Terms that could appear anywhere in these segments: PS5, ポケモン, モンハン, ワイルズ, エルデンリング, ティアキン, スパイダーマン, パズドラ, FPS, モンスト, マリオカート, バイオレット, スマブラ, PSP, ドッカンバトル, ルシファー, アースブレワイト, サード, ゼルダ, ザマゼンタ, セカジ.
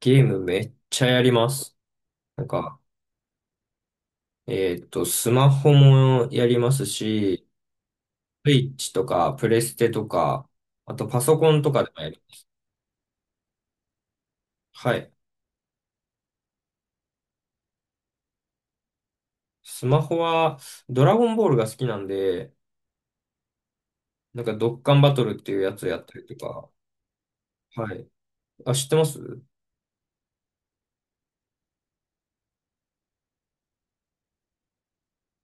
ゲームめっちゃやります。なんか、スマホもやりますし、スイッチとか、プレステとか、あとパソコンとかでもやる。はい。スマホは、ドラゴンボールが好きなんで、ドッカンバトルっていうやつをやったりとか。はい。あ、知ってます？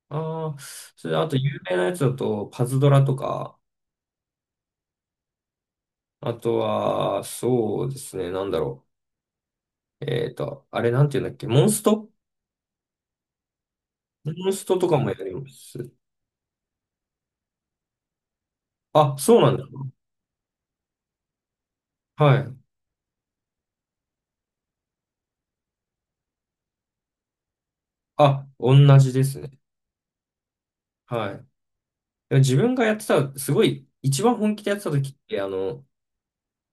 ああー、それ、あと、有名なやつだと、パズドラとか、あとは、そうですね、なんだろう。えっと、あれ、なんていうんだっけ、モンスト。モンストとかもやります。あ、そうなんだ。はい。あ、同じですね。はい。で自分がやってた、すごい、一番本気でやってた時って、あの、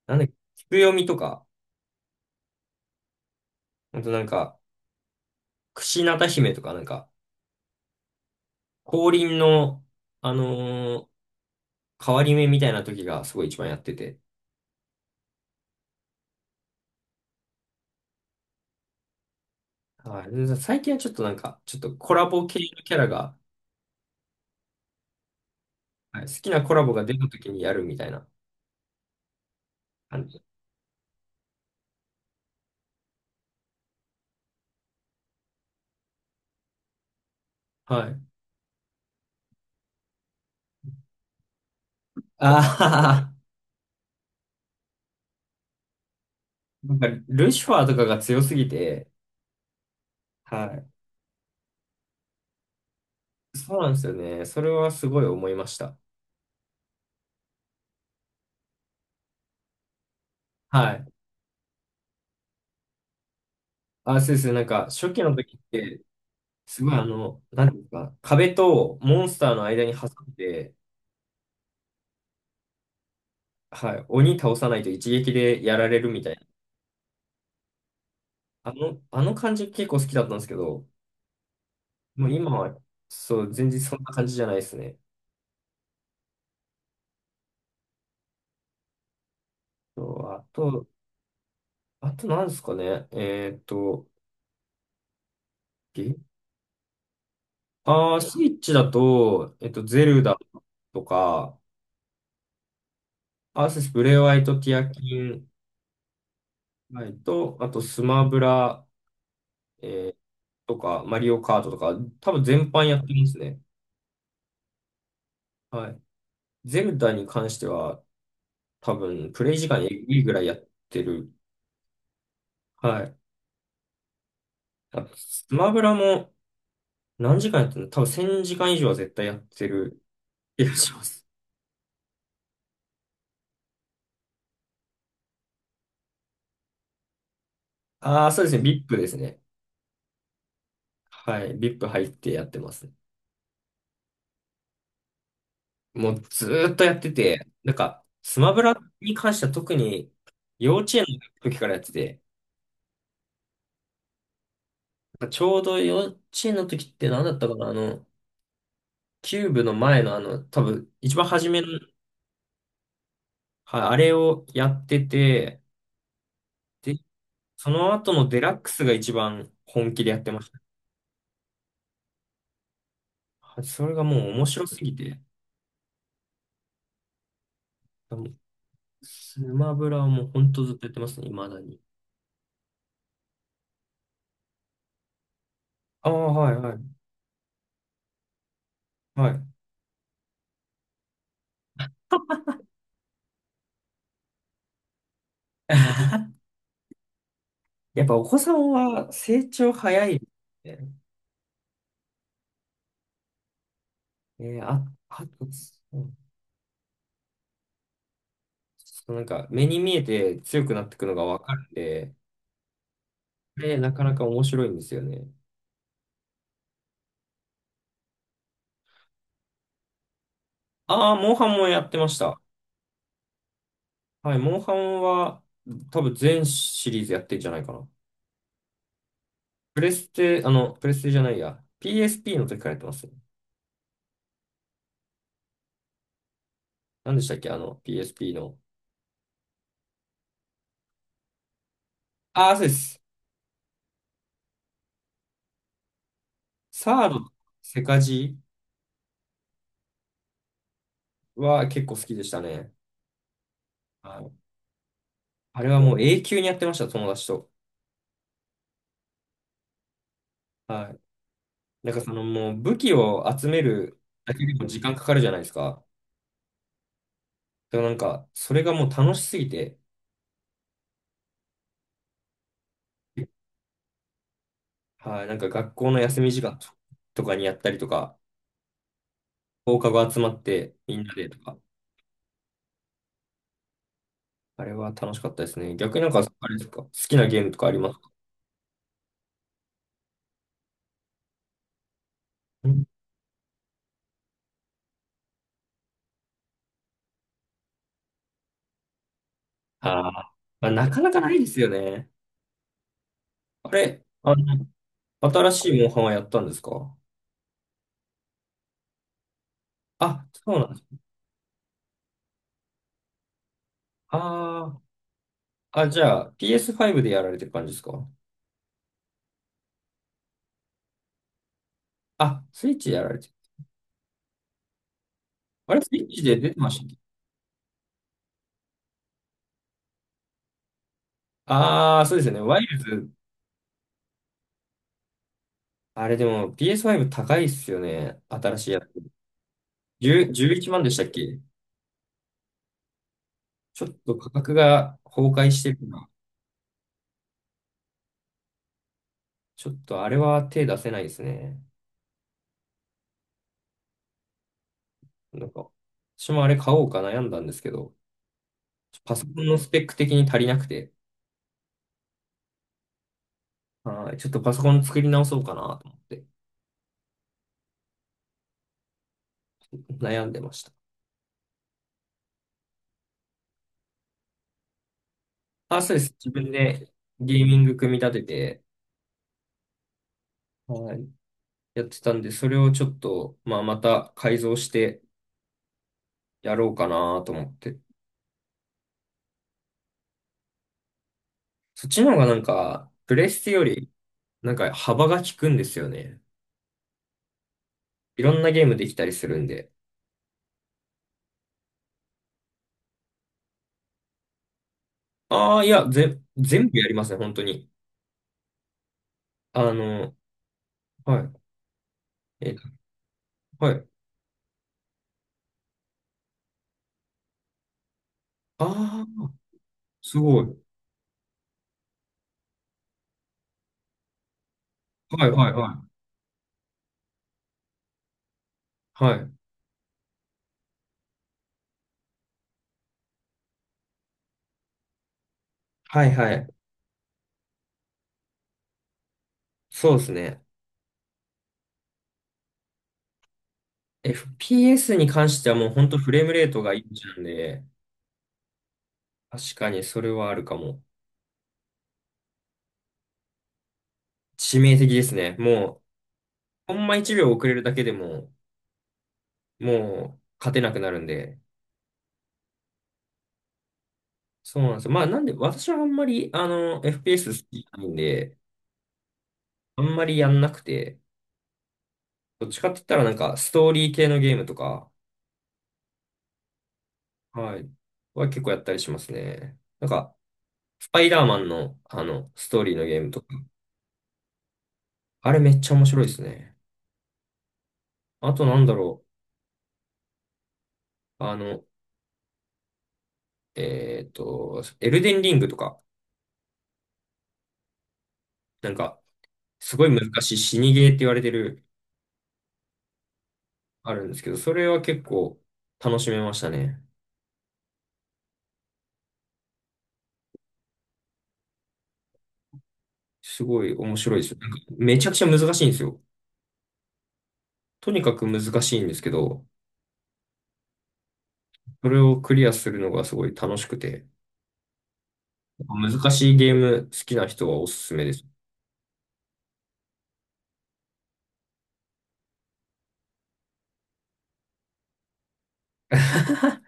なんだっけ、菊読みとか、あとなんか、櫛なた姫とか、降臨の、あのー変わり目みたいな時がすごい一番やってて。はい。で最近はちょっとなんか、ちょっとコラボ系のキャラが、はい、好きなコラボが出た時にやるみたいな感じ。はい。ああ、なんか、ルシファーとかが強すぎて、はい。そうなんですよね。それはすごい思いました。はい。あ、そうですね、なんか、初期の時って、すごい、あの、なんていうんですか、壁とモンスターの間に挟んで、はい、鬼倒さないと一撃でやられるみたいな。あの、あの感じ結構好きだったんですけど、もう今は、そう、全然そんな感じじゃないですね。そうあと、あと何ですかね。えーっと、えあー、スイッチだと、ゼルダとか、アースブレワイト、ティアキン、はい、と、あと、スマブラ、えーとか、マリオカートとか、多分全般やってますね。はい。ゼルダに関しては、多分、プレイ時間えぐいぐらいやってる。はい。あ、スマブラも何時間やってるの？多分1000時間以上は絶対やってる気がします。ああ、そうですね。VIP ですね。はい。VIP 入ってやってます。もうずーっとやってて、なんか、スマブラに関しては特に幼稚園の時からやってて、なんかちょうど幼稚園の時って何だったかな、あの、キューブの前のあの、多分、一番初めの、はい、あれをやってて、で、その後のデラックスが一番本気でやってました。はい、それがもう面白すぎて、もうスマブラはもう本当ずっとやってますね、未だに。ああ、はい、はい、はい。やっぱお子さんは成長早いですね。えーあ、あと、そう、ちょっとなんか目に見えて強くなってくのがわかるんで、で、なかなか面白いんですよね。ああ、モンハンもやってました。はい、モンハンは多分全シリーズやってんじゃないかな。プレステ、あの、プレステじゃないや。PSP の時からやってますね。何でしたっけ、あの、PSP の。ああ、そうです。サード、セカジは結構好きでしたね。はい。あれはもう永久にやってました、友達と。はい。なんかそのもう武器を集めるだけでも時間かかるじゃないですか。でもなんか、それがもう楽しすぎて、はい、なんか学校の休み時間ととかにやったりとか、放課後集まってみんなでとか。あれは楽しかったですね。逆になんか、あれですか、好きなゲームとかありますか？うん、あー、まあ、なかなかないですよね。あれ、あの、新しいモンハンはやったんですか？あ、そうなんです。ああ、あ、じゃあ PS5 でやられてる感じですか？あ、スイッチでやられてる。あれ、スイッチで出てましたっけ？ああー、そうですよね。ワイルズ。あれでも PS5 高いっすよね。新しいやつ。10、11万でしたっけ？ちょっと価格が崩壊してるな。ちょっとあれは手出せないですね。なんか、私もあれ買おうか悩んだんですけど、パソコンのスペック的に足りなくて、はい、ちょっとパソコン作り直そうかなと思って悩んでました。あ、そうです。自分でゲーミング組み立てて、はい、やってたんで、それをちょっと、まあ、また改造してやろうかなと思って。そっちの方がなんか、プレステより、なんか幅が利くんですよね。いろんなゲームできたりするんで。ああ、全部やりますね、本当に。あの、はい。えっと、はい。ああ。すごい。はいはいはい。はい。はいはい。そうですね。FPS に関してはもう本当フレームレートがいいんで、確かにそれはあるかも。致命的ですね。もう、ほんま1秒遅れるだけでも、もう勝てなくなるんで。そうなんですよ。まあなんで、私はあんまり、あの、FPS 好きじゃないんで、あんまりやんなくて、どっちかって言ったらなんかストーリー系のゲームとか、はい、は結構やったりしますね。なんか、スパイダーマンの、あの、ストーリーのゲームとか、あれめっちゃ面白いですね。あとなんだろう。エルデンリングとか、なんか、すごい難しい死にゲーって言われてる、あるんですけど、それは結構楽しめましたね。すごい面白いですよ。なんか、めちゃくちゃ難しいんですよ。とにかく難しいんですけど、それをクリアするのがすごい楽しくて、難しいゲーム好きな人はおすすめです。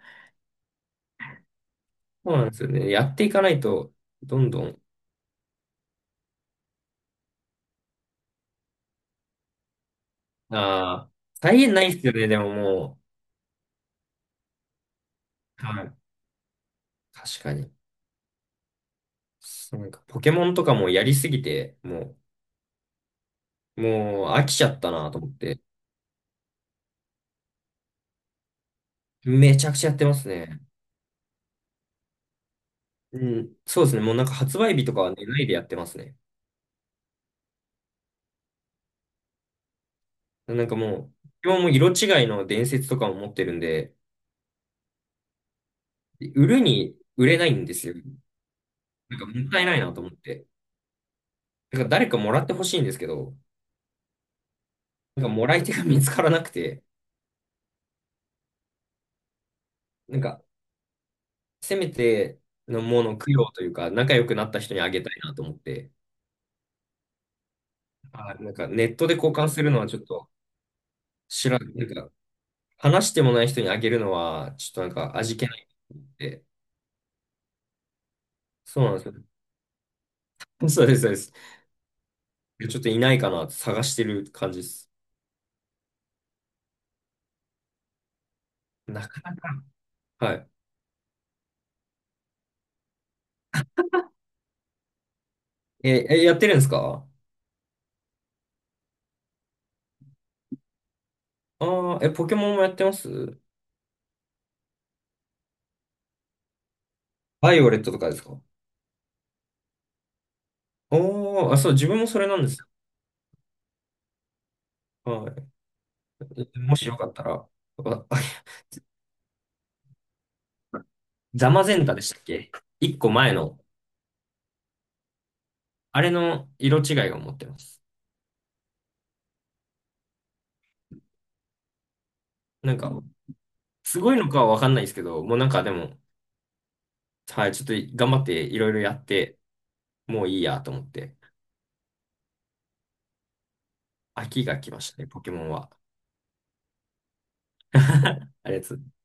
そうなんですよね。やっていかないと、どんどん、ああ、再現ないですよね、でももう。はい。確かに。そうなんかポケモンとかもやりすぎて、もう飽きちゃったなと思って、めちゃくちゃやってますね。うん、そうですね。もうなんか発売日とかは寝ないでやってますね。なんかもう、今も色違いの伝説とかも持ってるんで、売るに売れないんですよ。なんかもったいないなと思って。なんか誰かもらってほしいんですけど、なんかもらい手が見つからなくて、なんかせめてのものを供養というか、仲良くなった人にあげたいなと思って、あ、なんかネットで交換するのはちょっと、知らなんか話してもない人にあげるのは、ちょっとなんか味気ないんで。そうなんですよ。そうです、そうです。ちょっといないかなって探してる感じです。なか、はい。え、え、やってるんですか？ああー、え、ポケモンもやってます？バイオレットとかですか？おー、あ、そう、自分もそれなんですよ。はい。もしよかったら、あ、あ、ザマゼンタでしたっけ、一個前の、あれの色違いを持ってます。なんか、すごいのかはわかんないですけど、もうなんかでも、はい、ちょっと頑張っていろいろやって、もういいやと思って。秋が来ましたね、ポケモンは。ありがとうございます。